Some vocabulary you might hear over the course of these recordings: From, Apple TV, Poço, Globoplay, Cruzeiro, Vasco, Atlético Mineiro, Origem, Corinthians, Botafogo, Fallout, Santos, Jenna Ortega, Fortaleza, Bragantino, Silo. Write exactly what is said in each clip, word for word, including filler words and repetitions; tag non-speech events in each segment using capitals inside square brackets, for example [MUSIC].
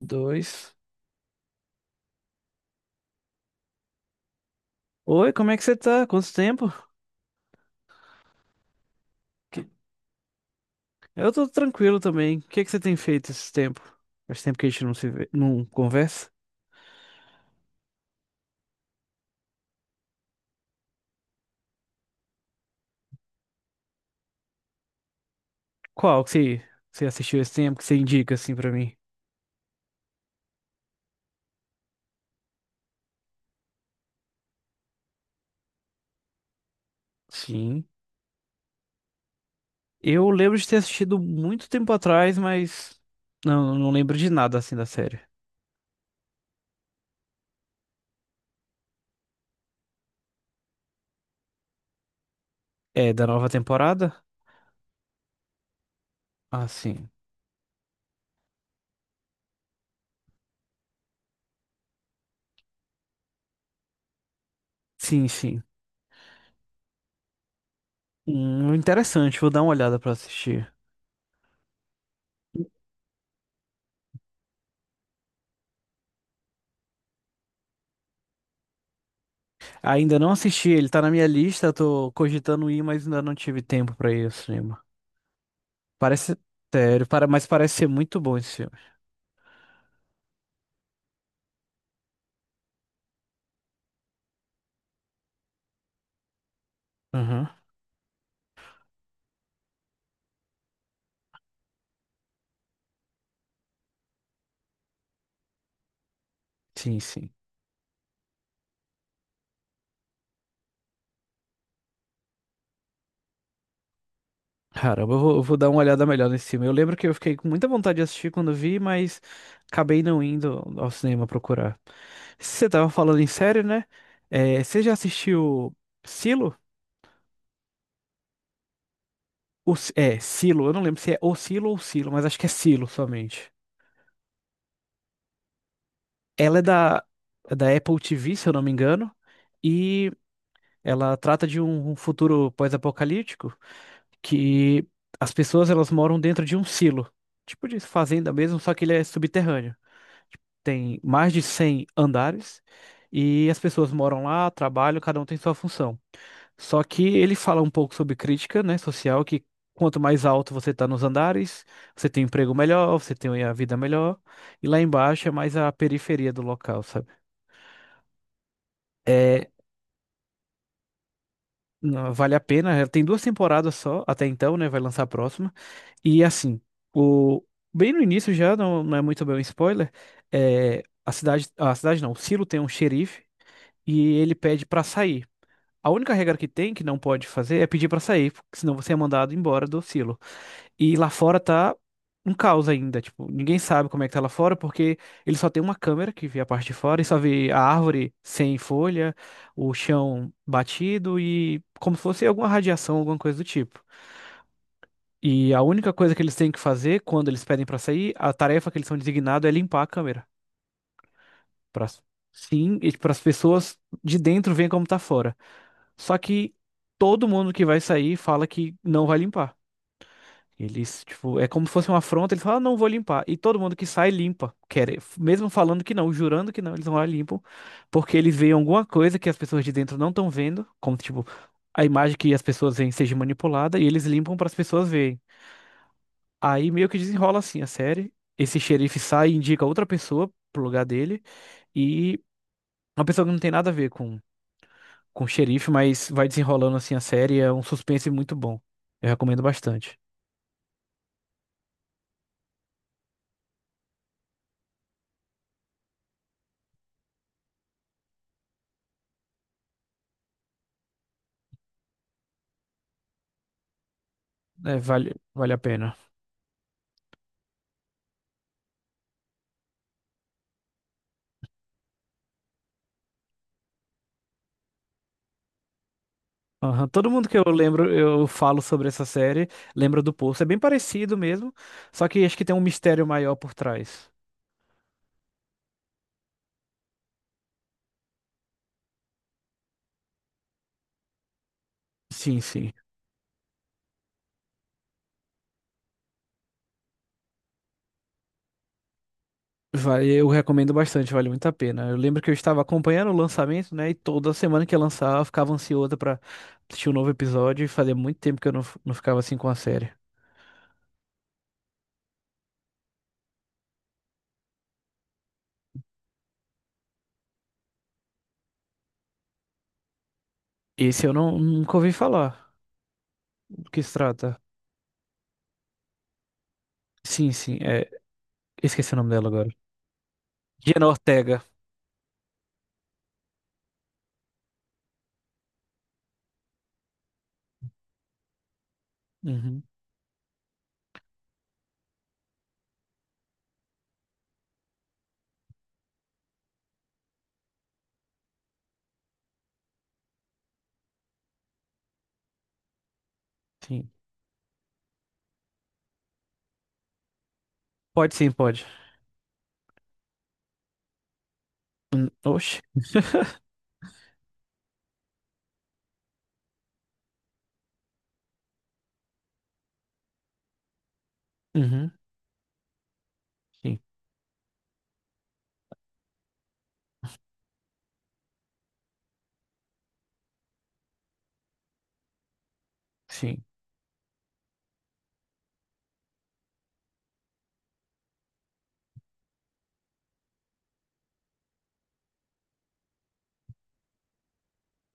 Dois. Oi, como é que você tá? Quanto tempo? Que- Eu tô tranquilo também. O que que você tem feito esse tempo? Faz tempo que a gente não se vê, não conversa. Qual que você, você assistiu esse tempo que você indica assim pra mim? Sim. Eu lembro de ter assistido muito tempo atrás, mas não, não lembro de nada assim da série. É da nova temporada? Ah, sim. Sim, sim. Hum, interessante, vou dar uma olhada pra assistir. Ainda não assisti, ele tá na minha lista, tô cogitando ir, mas ainda não tive tempo pra ir ao cinema. Parece sério, para, mas parece ser muito bom esse filme. Aham. Sim, sim. Caramba, eu vou, eu vou dar uma olhada melhor nesse filme. Eu lembro que eu fiquei com muita vontade de assistir quando vi, mas acabei não indo ao cinema procurar. Você tava falando em série, né? É, você já assistiu Silo? O, Si- é, Silo. Eu não lembro se é O Silo ou Silo, mas acho que é Silo somente. Ela é da, é da, Apple T V, se eu não me engano, e ela trata de um um futuro pós-apocalíptico. Que as pessoas elas moram dentro de um silo, tipo de fazenda mesmo, só que ele é subterrâneo. Tem mais de cem andares e as pessoas moram lá, trabalham, cada um tem sua função. Só que ele fala um pouco sobre crítica, né, social, que quanto mais alto você está nos andares, você tem um emprego melhor, você tem a vida melhor, e lá embaixo é mais a periferia do local, sabe? é Não, vale a pena. Ela tem duas temporadas só até então, né? Vai lançar a próxima. E assim, o bem no início já não, não é muito bem um spoiler. É, a cidade, a cidade não, o Silo tem um xerife e ele pede pra sair. A única regra que tem que não pode fazer é pedir pra sair, porque senão você é mandado embora do Silo. E lá fora tá um caos ainda, tipo, ninguém sabe como é que tá lá fora, porque ele só tem uma câmera que vê a parte de fora e só vê a árvore sem folha, o chão batido e como se fosse alguma radiação, alguma coisa do tipo. E a única coisa que eles têm que fazer quando eles pedem pra sair, a tarefa que eles são designados é limpar a câmera. Pra, sim, e para as pessoas de dentro verem como tá fora. Só que todo mundo que vai sair fala que não vai limpar. Eles, tipo, é como se fosse uma afronta, eles falam, ah, não vou limpar. E todo mundo que sai limpa, quer, mesmo falando que não, jurando que não, eles vão lá e limpam, porque eles veem alguma coisa que as pessoas de dentro não estão vendo, como tipo, a imagem que as pessoas veem seja manipulada e eles limpam para as pessoas verem. Aí meio que desenrola assim a série. Esse xerife sai e indica outra pessoa pro lugar dele e uma pessoa que não tem nada a ver com com o xerife, mas vai desenrolando assim a série, é um suspense muito bom. Eu recomendo bastante. É, vale, vale a pena. Aham, todo mundo que eu lembro, eu falo sobre essa série, lembra do Poço. É bem parecido mesmo, só que acho que tem um mistério maior por trás. Sim, sim. Vale, eu recomendo bastante, vale muito a pena. Eu lembro que eu estava acompanhando o lançamento, né? E toda semana que ia lançar, eu ficava ansiosa pra assistir um novo episódio. E fazia muito tempo que eu não, f- não ficava assim com a série. Esse eu não, nunca ouvi falar do que se trata. Sim, sim. É, esqueci o nome dela agora. Jenna Ortega. Uhum, sim. Pode sim, pode. Hum, oxe. Uhum, sim, sim.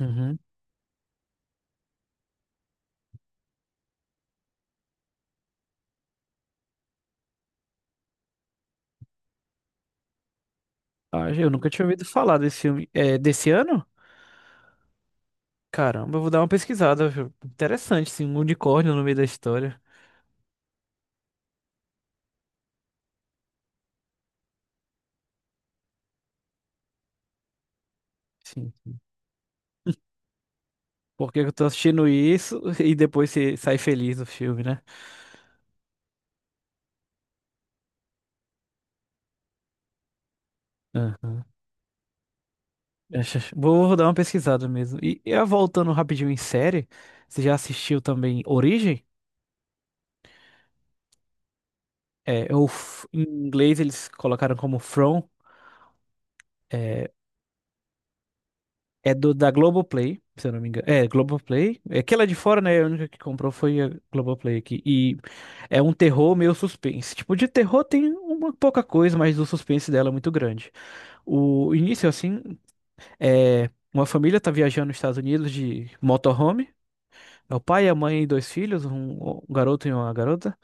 Uhum. Ah, eu nunca tinha ouvido falar desse filme. É desse ano? Caramba, eu vou dar uma pesquisada. viu? Interessante, sim, um unicórnio no meio da história. Sim. sim. Por que que eu tô assistindo isso [LAUGHS] e depois você sai feliz do filme, né? Aham. Acha- Vou vou dar uma pesquisada mesmo. E, e ah, voltando rapidinho em série, você já assistiu também Origem? É, ou f- em inglês eles colocaram como From. é, É do da Globoplay, se eu não me engano. É, Globoplay. É que ela é de fora, né? A única que comprou foi a Globoplay aqui. E é um terror meio suspense. Tipo, de terror tem uma pouca coisa, mas o suspense dela é muito grande. O início, assim, é uma família tá viajando nos Estados Unidos de motorhome. É o pai, a mãe e dois filhos, um, um garoto e uma garota.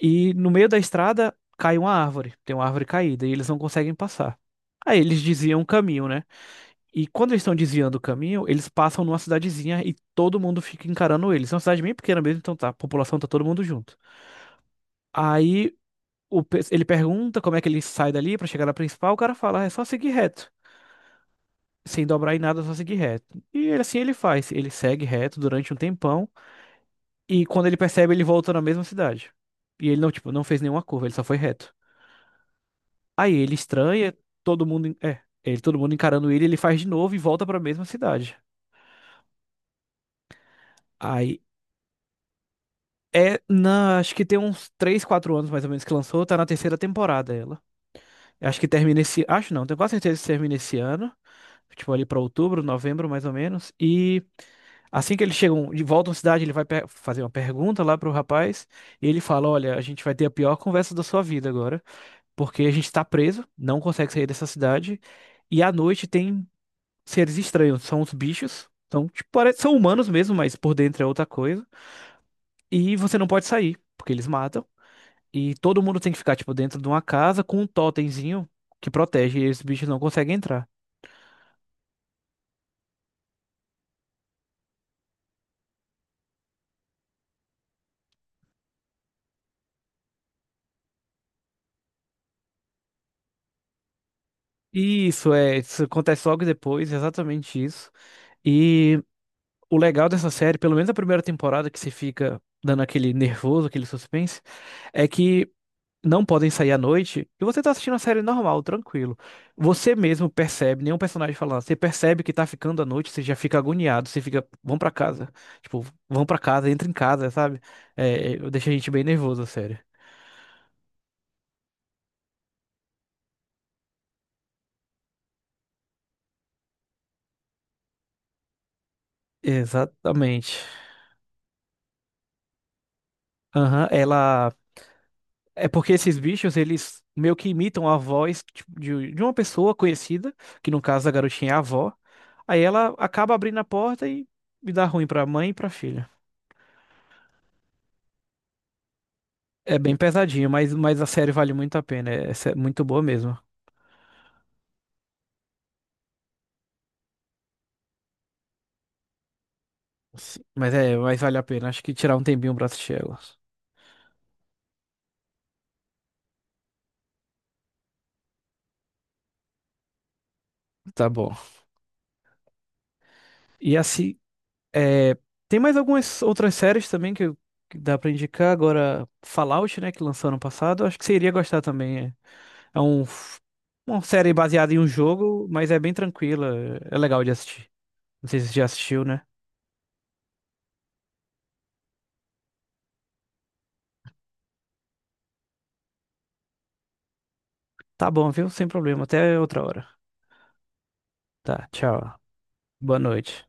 E no meio da estrada cai uma árvore. Tem uma árvore caída e eles não conseguem passar. Aí eles diziam o caminho, né? E quando eles estão desviando o caminho, eles passam numa cidadezinha e todo mundo fica encarando eles. É uma cidade bem pequena mesmo, então tá, a população tá todo mundo junto. Aí o pe- ele pergunta como é que ele sai dali pra chegar na principal, o cara fala, "Ah, é só seguir reto. Sem dobrar em nada, é só seguir reto. E ele- assim ele faz, ele segue reto durante um tempão e quando ele percebe, ele volta na mesma cidade. E ele não, tipo, não fez nenhuma curva, ele só foi reto. Aí ele estranha, todo mundo, en- é, ele todo mundo encarando ele, ele faz de novo e volta pra mesma cidade. Aí É, na, acho que tem uns três quatro anos mais ou menos que lançou, tá na terceira temporada ela. Acho que termina esse, acho não, tenho quase certeza que termina esse ano, tipo ali pra outubro, novembro mais ou menos. E assim que eles chegam de volta à cidade, ele vai pe- fazer uma pergunta lá pro rapaz, e ele fala: "Olha, a gente vai ter a pior conversa da sua vida agora, porque a gente tá preso, não consegue sair dessa cidade, e à noite tem seres estranhos, são os bichos. Então, tipo, parece- são humanos mesmo, mas por dentro é outra coisa, e você não pode sair, porque eles matam. E todo mundo tem que ficar, tipo, dentro de uma casa com um totemzinho que protege, e esses bichos não conseguem entrar. E isso é, isso acontece logo depois, exatamente isso. E o legal dessa série, pelo menos a primeira temporada, que você fica dando aquele nervoso, aquele suspense, é que não podem sair à noite e você tá assistindo a série normal, tranquilo. Você mesmo percebe, nenhum personagem falando, você percebe que tá ficando à noite, você já fica agoniado, você fica, vão pra casa, tipo, vão pra casa, entra em casa, sabe? É, é, deixa a gente bem nervoso, a série. Exatamente. Aham, ela. É porque esses bichos, eles meio que imitam a voz tipo, de, de uma pessoa conhecida, que no caso a garotinha é a avó. Aí ela acaba abrindo a porta e, e dá ruim pra mãe e pra filha. É bem pesadinho, mas, mas a série vale muito a pena. É, sé- muito boa mesmo. Sim, Mas é, mas vale a pena. Acho que tirar um tempinho pra assistir ela. Tá bom. E assim, é, tem mais algumas outras séries também que, eu- que dá pra indicar. Agora, Fallout, né, que lançou ano passado. Acho que você iria gostar também. é. É um, f- uma série baseada em um jogo, mas é bem tranquila. É legal de assistir. Não sei se você já assistiu, né? Tá bom, viu? Sem problema. Até outra hora. Tá, tchau. Boa noite.